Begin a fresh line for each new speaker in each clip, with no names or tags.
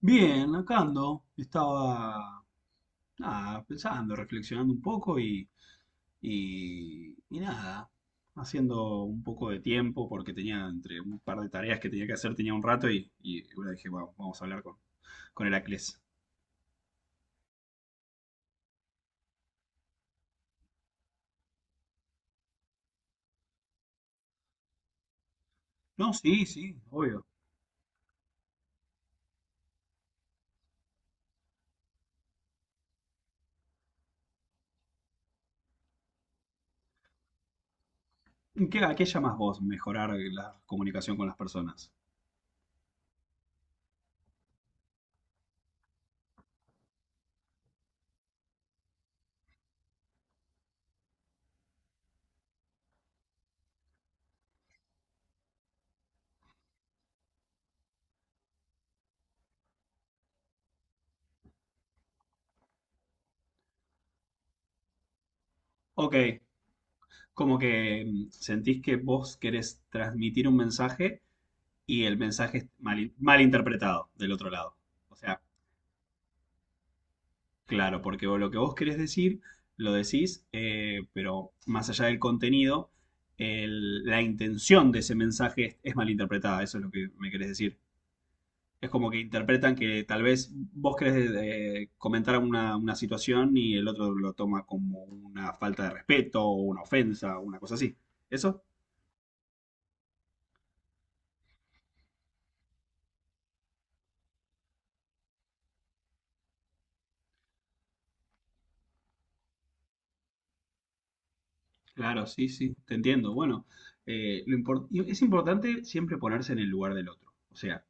Bien, acá ando. Estaba nada, pensando, reflexionando un poco y nada, haciendo un poco de tiempo porque tenía entre un par de tareas que tenía que hacer, tenía un rato y bueno, dije, "Bueno, vamos a hablar con Heracles." No, sí, sí, obvio. ¿Qué, a qué llamas vos mejorar la comunicación con las personas? Ok, como que sentís que vos querés transmitir un mensaje y el mensaje es mal interpretado del otro lado. O sea, claro, porque lo que vos querés decir, lo decís, pero más allá del contenido, la intención de ese mensaje es malinterpretada, eso es lo que me querés decir. Es como que interpretan que tal vez vos querés comentar una situación y el otro lo toma como una falta de respeto o una ofensa o una cosa así. ¿Eso? Claro, sí, sí, te entiendo. Bueno, y es importante siempre ponerse en el lugar del otro. O sea,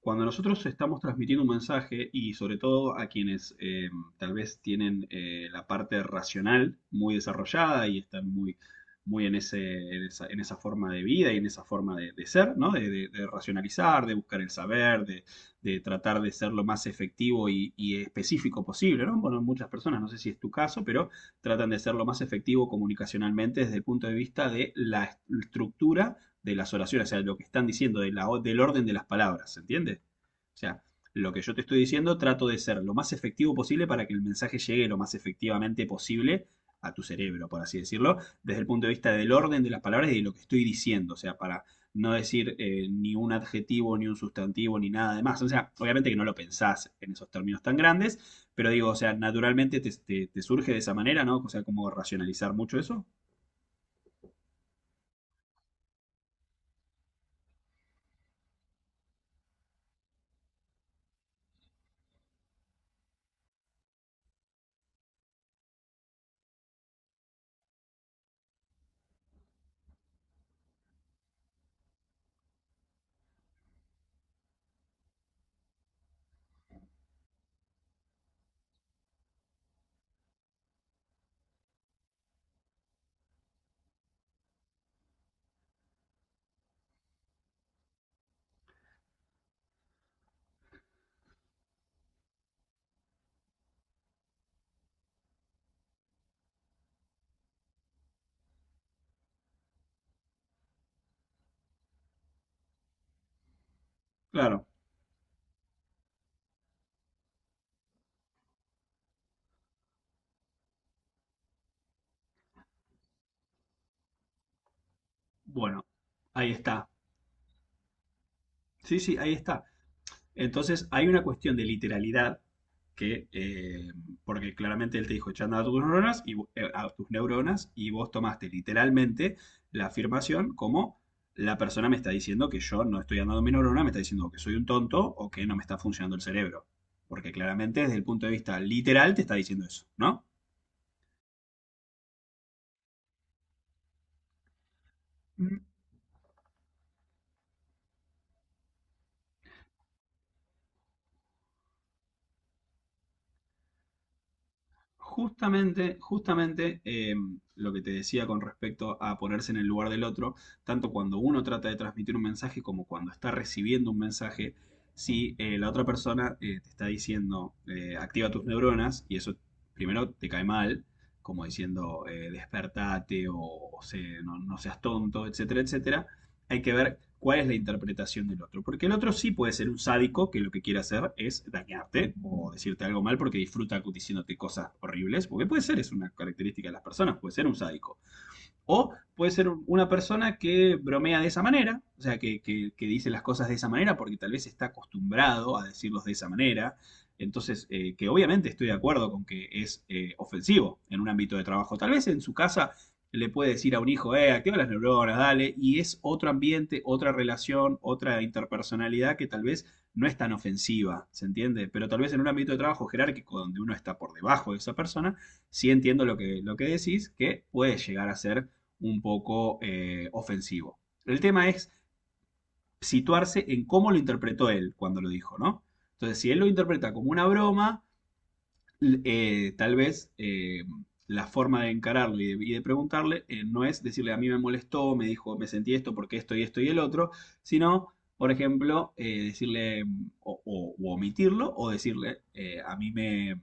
cuando nosotros estamos transmitiendo un mensaje y sobre todo a quienes tal vez tienen la parte racional muy desarrollada y están muy, muy en esa forma de vida y en esa forma de ser, ¿no? De racionalizar, de buscar el saber, de tratar de ser lo más efectivo y específico posible, ¿no? Bueno, muchas personas, no sé si es tu caso, pero tratan de ser lo más efectivo comunicacionalmente desde el punto de vista de la estructura de las oraciones, o sea, lo que están diciendo, del orden de las palabras, ¿se entiende? O sea, lo que yo te estoy diciendo trato de ser lo más efectivo posible para que el mensaje llegue lo más efectivamente posible a tu cerebro, por así decirlo, desde el punto de vista del orden de las palabras y de lo que estoy diciendo, o sea, para no decir ni un adjetivo, ni un sustantivo, ni nada de más. O sea, obviamente que no lo pensás en esos términos tan grandes, pero digo, o sea, naturalmente te surge de esa manera, ¿no? O sea, ¿cómo racionalizar mucho eso? Claro, bueno, ahí está. Sí, sí, ahí está. Entonces hay una cuestión de literalidad que, eh, porque claramente él te dijo echando a tus neuronas y vos tomaste literalmente la afirmación como la persona me está diciendo que yo no estoy andando mi neurona, me está diciendo que soy un tonto o que no me está funcionando el cerebro. Porque claramente desde el punto de vista literal te está diciendo eso, ¿no? Justamente, justamente lo que te decía con respecto a ponerse en el lugar del otro, tanto cuando uno trata de transmitir un mensaje como cuando está recibiendo un mensaje, si la otra persona te está diciendo activa tus neuronas y eso primero te cae mal, como diciendo despertate o no seas tonto, etcétera, etcétera, hay que ver cuál es la interpretación del otro. Porque el otro sí puede ser un sádico que lo que quiere hacer es dañarte o decirte algo mal porque disfruta diciéndote cosas horribles. Porque puede ser, es una característica de las personas, puede ser un sádico. O puede ser una persona que bromea de esa manera, o sea, que dice las cosas de esa manera porque tal vez está acostumbrado a decirlos de esa manera. Entonces, que obviamente estoy de acuerdo con que es ofensivo en un ámbito de trabajo. Tal vez en su casa le puede decir a un hijo, activa las neuronas, dale, y es otro ambiente, otra relación, otra interpersonalidad que tal vez no es tan ofensiva, ¿se entiende? Pero tal vez en un ámbito de trabajo jerárquico donde uno está por debajo de esa persona, sí entiendo lo que decís, que puede llegar a ser un poco ofensivo. El tema es situarse en cómo lo interpretó él cuando lo dijo, ¿no? Entonces, si él lo interpreta como una broma, tal vez la forma de encararlo y de preguntarle no es decirle a mí me molestó, me dijo, me sentí esto porque esto y esto y el otro, sino, por ejemplo, decirle, o omitirlo o decirle a mí me, mm,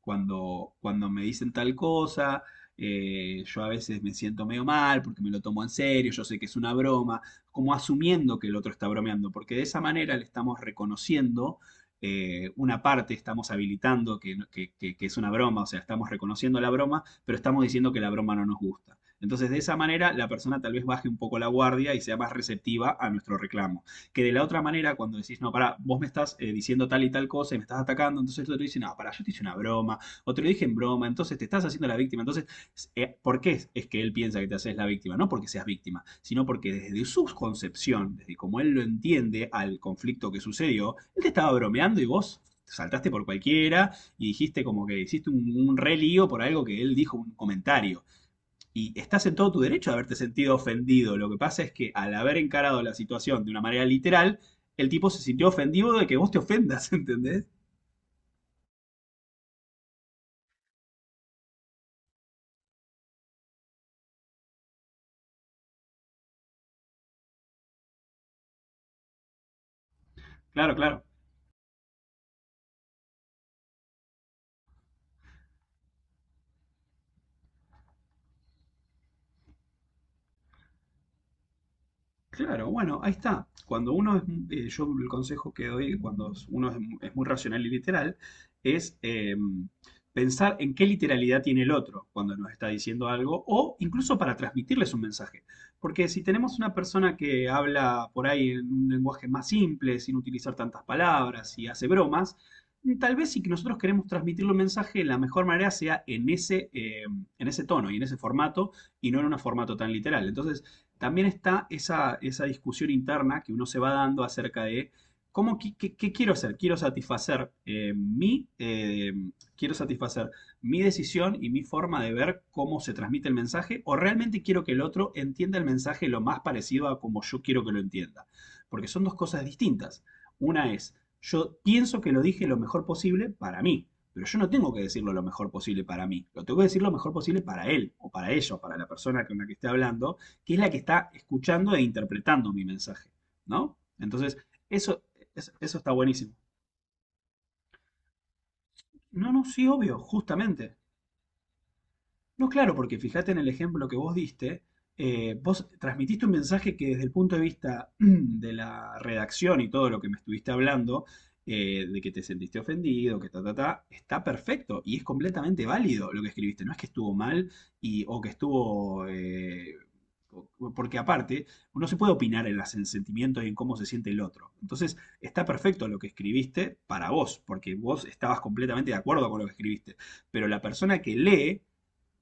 cuando me dicen tal cosa, yo a veces me siento medio mal porque me lo tomo en serio, yo sé que es una broma, como asumiendo que el otro está bromeando, porque de esa manera le estamos reconociendo una parte, estamos habilitando que, no, que es una broma, o sea, estamos reconociendo la broma, pero estamos diciendo que la broma no nos gusta. Entonces, de esa manera, la persona tal vez baje un poco la guardia y sea más receptiva a nuestro reclamo. Que de la otra manera, cuando decís, no, pará, vos me estás diciendo tal y tal cosa y me estás atacando, entonces el otro dice, no, pará, yo te hice una broma, o te lo dije en broma, entonces te estás haciendo la víctima. Entonces, ¿por qué que él piensa que te haces la víctima? No porque seas víctima, sino porque desde su concepción, desde como él lo entiende al conflicto que sucedió, él te estaba bromeando y vos te saltaste por cualquiera y dijiste como que hiciste un re lío por algo que él dijo, un comentario. Y estás en todo tu derecho de haberte sentido ofendido. Lo que pasa es que al haber encarado la situación de una manera literal, el tipo se sintió ofendido de que vos te ofendas, ¿entendés? Claro, claro. Claro, bueno, ahí está. Yo el consejo que doy cuando uno es muy racional y literal es pensar en qué literalidad tiene el otro cuando nos está diciendo algo o incluso para transmitirles un mensaje. Porque si tenemos una persona que habla por ahí en un lenguaje más simple, sin utilizar tantas palabras y hace bromas, tal vez si que nosotros queremos transmitirle un mensaje, la mejor manera sea en ese tono y en ese formato y no en un formato tan literal. Entonces, también está esa, esa discusión interna que uno se va dando acerca de ¿cómo, qué, qué- qué quiero hacer? Quiero satisfacer mi decisión y mi forma de ver cómo se transmite el mensaje, o realmente quiero que el otro entienda el mensaje lo más parecido a como yo quiero que lo entienda. Porque son dos cosas distintas. Una es, yo pienso que lo dije lo mejor posible para mí, pero yo no tengo que decirlo lo mejor posible para mí. Lo tengo que decir lo mejor posible para él, o para ella, o para la persona con la que esté hablando que es la que está escuchando e interpretando mi mensaje, ¿no? Entonces, eso, eso está buenísimo. No, no, sí, obvio, justamente. No, claro, porque fíjate en el ejemplo que vos diste, vos transmitiste un mensaje que desde el punto de vista de la redacción y todo lo que me estuviste hablando, de que te sentiste ofendido, que ta, ta, ta, está perfecto y es completamente válido lo que escribiste. No es que estuvo mal y, o que estuvo, o- porque aparte, uno se puede opinar en los sentimientos y en cómo se siente el otro. Entonces, está perfecto lo que escribiste para vos, porque vos estabas completamente de acuerdo con lo que escribiste. Pero la persona que lee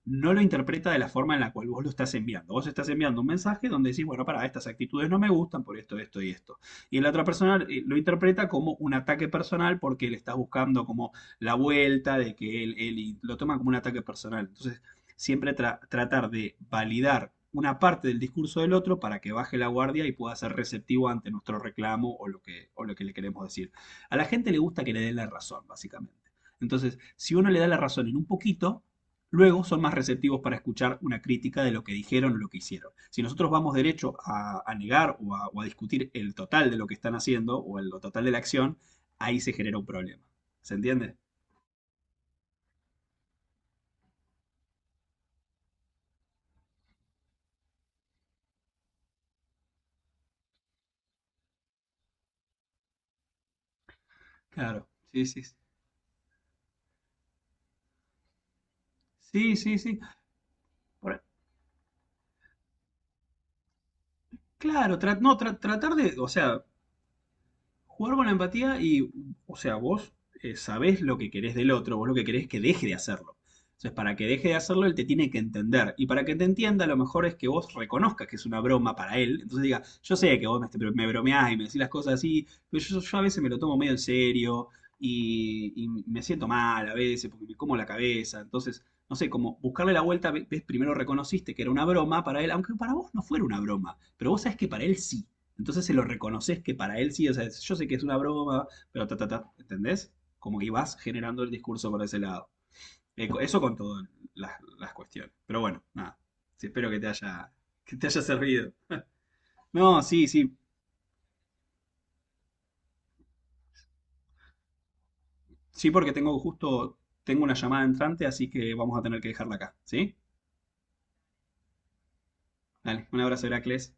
no lo interpreta de la forma en la cual vos lo estás enviando. Vos estás enviando un mensaje donde decís, bueno, para, estas actitudes no me gustan por esto, esto y esto. Y la otra persona lo interpreta como un ataque personal porque le estás buscando como la vuelta de que él y lo toma como un ataque personal. Entonces, siempre tratar de validar una parte del discurso del otro para que baje la guardia y pueda ser receptivo ante nuestro reclamo o lo que le queremos decir. A la gente le gusta que le den la razón, básicamente. Entonces, si uno le da la razón en un poquito, luego son más receptivos para escuchar una crítica de lo que dijeron o lo que hicieron. Si nosotros vamos derecho a negar o a discutir el total de lo que están haciendo o el total de la acción, ahí se genera un problema. ¿Se entiende? Claro, sí, sí. Sí, sí, sí. Por- claro, no, tratar de, o sea, jugar con la empatía y, o sea, vos sabés lo que querés del otro, vos lo que querés es que deje de hacerlo. Entonces, para que deje de hacerlo, él te tiene que entender. Y para que te entienda, lo mejor es que vos reconozcas que es una broma para él. Entonces diga, yo sé que vos me, me bromeás y me decís las cosas así, pero yo a veces me lo tomo medio en serio y me siento mal a veces porque me como la cabeza. Entonces, no sé, como buscarle la vuelta, ves, primero reconociste que era una broma para él, aunque para vos no fuera una broma, pero vos sabés que para él sí. Entonces se lo reconoces que para él sí, o sea, yo sé que es una broma, pero ta, ta, ta, ¿entendés? Como que vas generando el discurso por ese lado. Eso con todas las, las cuestiones. Pero bueno, nada. Sí, espero que te haya servido. No, sí, sí. Sí, porque tengo justo, tengo una llamada entrante, así que vamos a tener que dejarla acá, ¿sí? Dale, un abrazo, Heracles.